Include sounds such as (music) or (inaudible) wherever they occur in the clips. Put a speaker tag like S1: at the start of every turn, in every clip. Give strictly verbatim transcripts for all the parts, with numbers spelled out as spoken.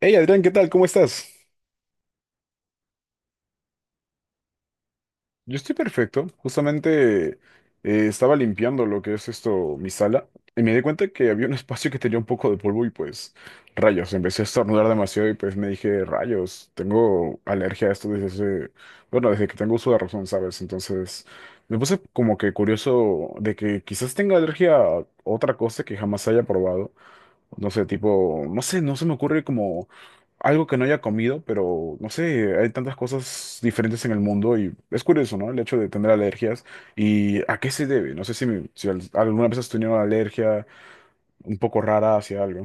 S1: Hey Adrián, ¿qué tal? ¿Cómo estás? Yo estoy perfecto. Justamente eh, estaba limpiando lo que es esto, mi sala, y me di cuenta que había un (laughs) espacio que tenía un poco de polvo y pues rayos, empecé a estornudar demasiado y pues me dije, rayos, tengo alergia a esto desde hace, bueno, desde que tengo uso de razón, ¿sabes? Entonces me puse como que curioso de que quizás tenga alergia a otra cosa que jamás haya probado. No sé, tipo, no sé, no se me ocurre como algo que no haya comido, pero no sé, hay tantas cosas diferentes en el mundo y es curioso, ¿no? El hecho de tener alergias y a qué se debe. No sé si, me- si al- alguna vez has tenido una alergia un poco rara hacia algo.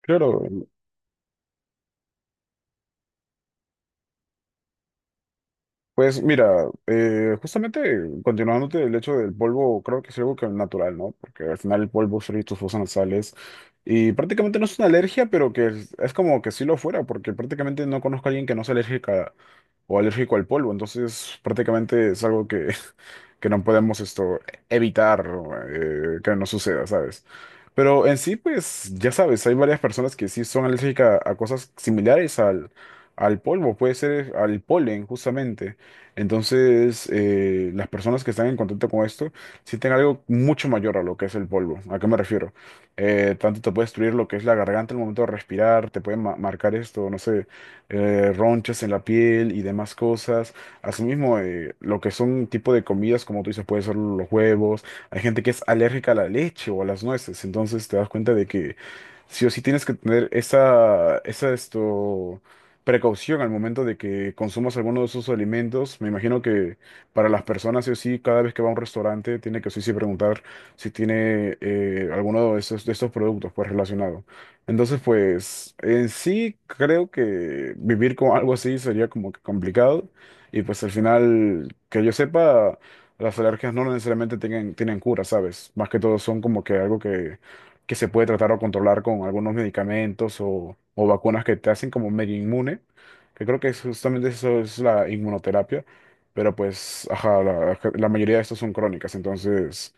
S1: Claro, pues mira, eh, justamente continuándote del hecho del polvo, creo que es algo que es natural, ¿no? Porque al final el polvo son tus fosas nasales y prácticamente no es una alergia, pero que es, es como que sí lo fuera, porque prácticamente no conozco a alguien que no sea alérgica o alérgico al polvo, entonces prácticamente es algo que, (laughs) que no podemos esto evitar eh, que no suceda, ¿sabes? Pero en sí, pues ya sabes, hay varias personas que sí son alérgicas a cosas similares al, al polvo, puede ser al polen justamente. Entonces, eh, las personas que están en contacto con esto sienten algo mucho mayor a lo que es el polvo. ¿A qué me refiero? Eh, tanto te puede destruir lo que es la garganta en el momento de respirar, te puede ma- marcar esto, no sé, eh, ronchas en la piel y demás cosas. Asimismo, eh, lo que son tipo de comidas, como tú dices, puede ser los huevos. Hay gente que es alérgica a la leche o a las nueces, entonces te das cuenta de que sí o sí tienes que tener esa, esa esto precaución al momento de que consumas alguno de esos alimentos. Me imagino que para las personas, sí o sí, cada vez que va a un restaurante, tiene que sí o sí preguntar si tiene eh, alguno de esos, de estos productos pues relacionado. Entonces, pues, en sí creo que vivir con algo así sería como que complicado. Y pues al final, que yo sepa, las alergias no necesariamente tienen, tienen cura, ¿sabes? Más que todo son como que algo que que se puede tratar o controlar con algunos medicamentos o, o vacunas que te hacen como medio inmune, que creo que es justamente eso es la inmunoterapia, pero pues, ajá, la, la mayoría de estos son crónicas, entonces...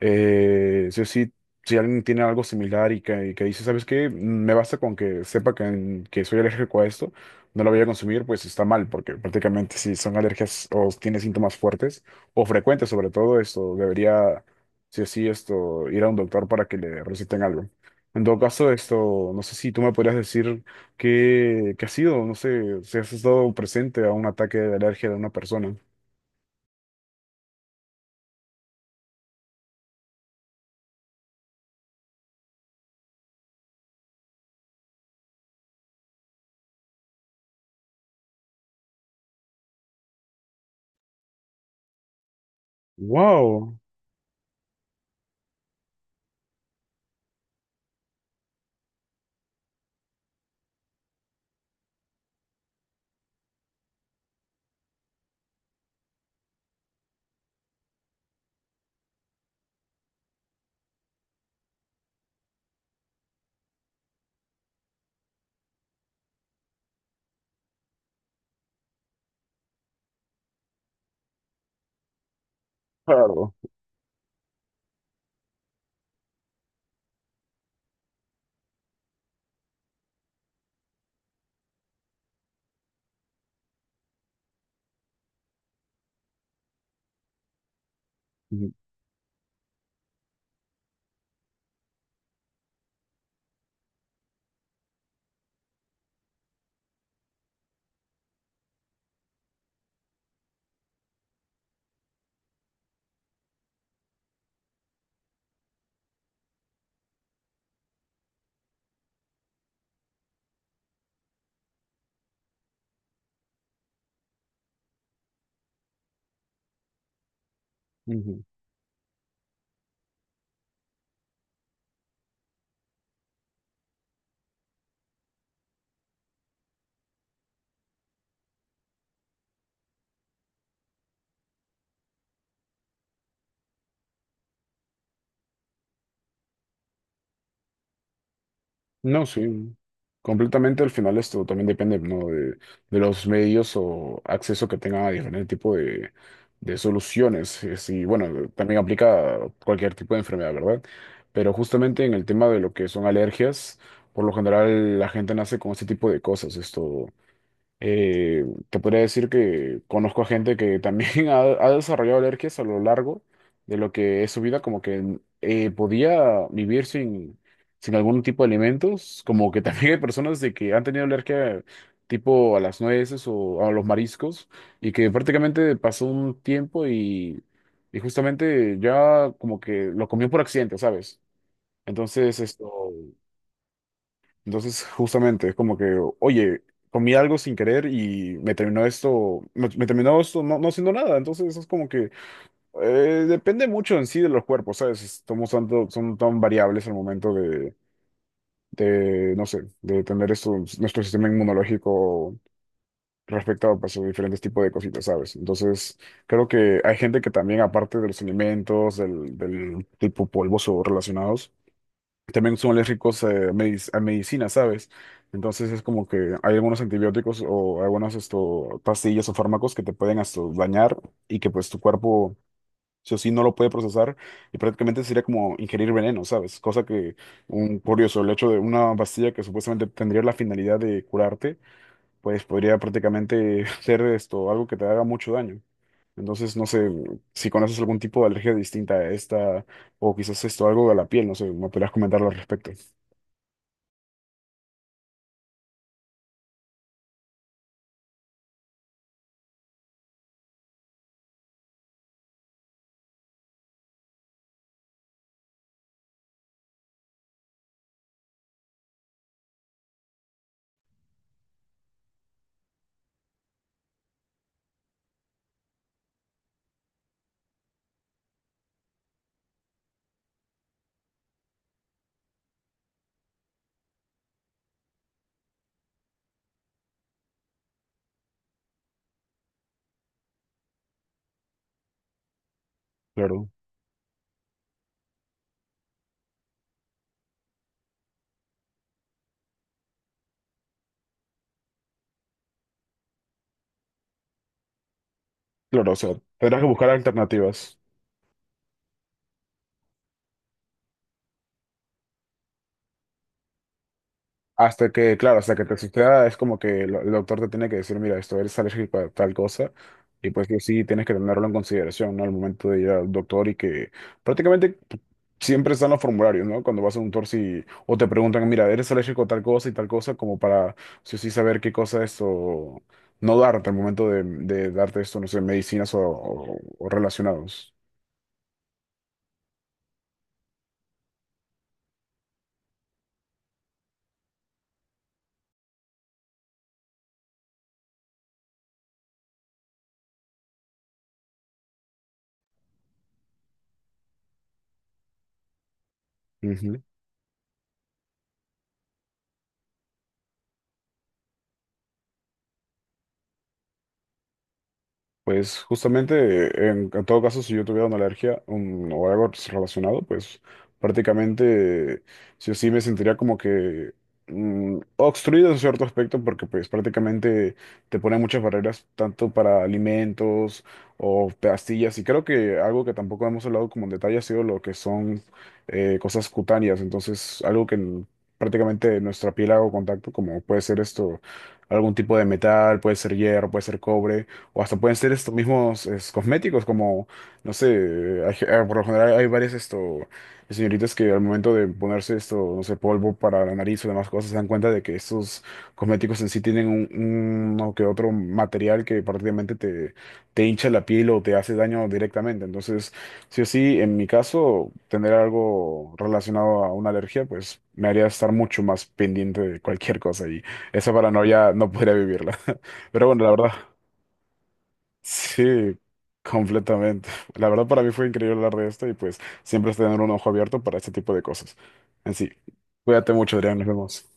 S1: Eh, sí o sí, si alguien tiene algo similar y que, y que dice, ¿sabes qué? Me basta con que sepa que, que soy alérgico a esto, no lo voy a consumir, pues está mal, porque prácticamente si son alergias o tiene síntomas fuertes o frecuentes sobre todo, esto debería, sí o sí, esto, ir a un doctor para que le receten algo. En todo caso, esto, no sé si tú me podrías decir qué, qué ha sido, no sé, si has estado presente a un ataque de alergia de una persona. Wow, claro. No, sí, completamente al final esto también depende, ¿no? de, de los medios o acceso que tengan a diferente tipo de, de soluciones. Es- Y bueno, también aplica a cualquier tipo de enfermedad, ¿verdad? Pero justamente en el tema de lo que son alergias, por lo general la gente nace con este tipo de cosas. Esto, eh, te podría decir que conozco a gente que también (laughs) ha, ha desarrollado alergias a lo largo de lo que es su vida, como que eh, podía vivir sin, sin algún tipo de alimentos, como que también (laughs) hay personas de que han tenido alergia tipo a las nueces o a los mariscos y que prácticamente pasó un tiempo y, y justamente ya como que lo comió por accidente, ¿sabes? Entonces esto... Entonces, justamente, es como que, oye, comí algo sin querer y me terminó esto, me, me terminó esto no, no siendo nada. Entonces, es como que eh, depende mucho en sí de los cuerpos, ¿sabes? Estamos tanto, son tan variables al momento de, de, no sé, de tener esto, nuestro sistema inmunológico respecto a pues, a diferentes tipos de cositas, ¿sabes? Entonces, creo que hay gente que también, aparte de los alimentos, del, del tipo polvoso relacionados, también son alérgicos eh, medic- a medicina, ¿sabes? Entonces es como que hay algunos antibióticos o algunas esto, pastillas o fármacos que te pueden esto, dañar y que pues tu cuerpo sí o sí no lo puede procesar y prácticamente sería como ingerir veneno, ¿sabes? Cosa que un curioso, el hecho de una pastilla que supuestamente tendría la finalidad de curarte, pues podría prácticamente (laughs) ser esto, algo que te haga mucho daño. Entonces, no sé si conoces algún tipo de alergia distinta a esta o quizás esto algo de la piel, no sé, me podrías comentar al respecto. Claro, claro, o sea, tendrás que buscar alternativas. Hasta que, claro, hasta que te suceda, es como que el, el doctor te tiene que decir, mira, esto eres alérgico a tal cosa, y pues que sí tienes que tenerlo en consideración, ¿no? Al momento de ir al doctor y que prácticamente siempre están los formularios, ¿no? Cuando vas a un doctor si, o te preguntan, mira, eres alérgico a tal cosa y tal cosa, como para sí o sí saber qué cosa es o no darte al momento de, de darte esto, no sé, medicinas o, o- o relacionados. Pues justamente, en, en todo caso, si yo tuviera una alergia un- o algo relacionado, pues prácticamente sí o sí me sentiría como que mm, obstruido en cierto aspecto, porque pues prácticamente te ponen muchas barreras, tanto para alimentos o pastillas, y creo que algo que tampoco hemos hablado como en detalle ha sido lo que son eh, cosas cutáneas, entonces algo que n- prácticamente nuestra piel hago contacto, como puede ser esto, algún tipo de metal, puede ser hierro, puede ser cobre o hasta pueden ser estos mismos es, cosméticos, como, no sé, hay ge- eh, por lo general hay varias esto, señoritas que al momento de ponerse esto, no sé, polvo para la nariz o demás cosas, se dan cuenta de que estos cosméticos en sí tienen un, un- uno que otro material que prácticamente te, te hincha la piel o te hace daño directamente. Entonces, sí o sí, en mi caso, tener algo relacionado a una alergia, pues me haría estar mucho más pendiente de cualquier cosa y esa paranoia no podría vivirla. (laughs) Pero bueno, la verdad. Sí, completamente. La verdad para mí fue increíble hablar de esto y pues siempre es tener un ojo abierto para este tipo de cosas. En sí, cuídate mucho, Adrián, nos vemos.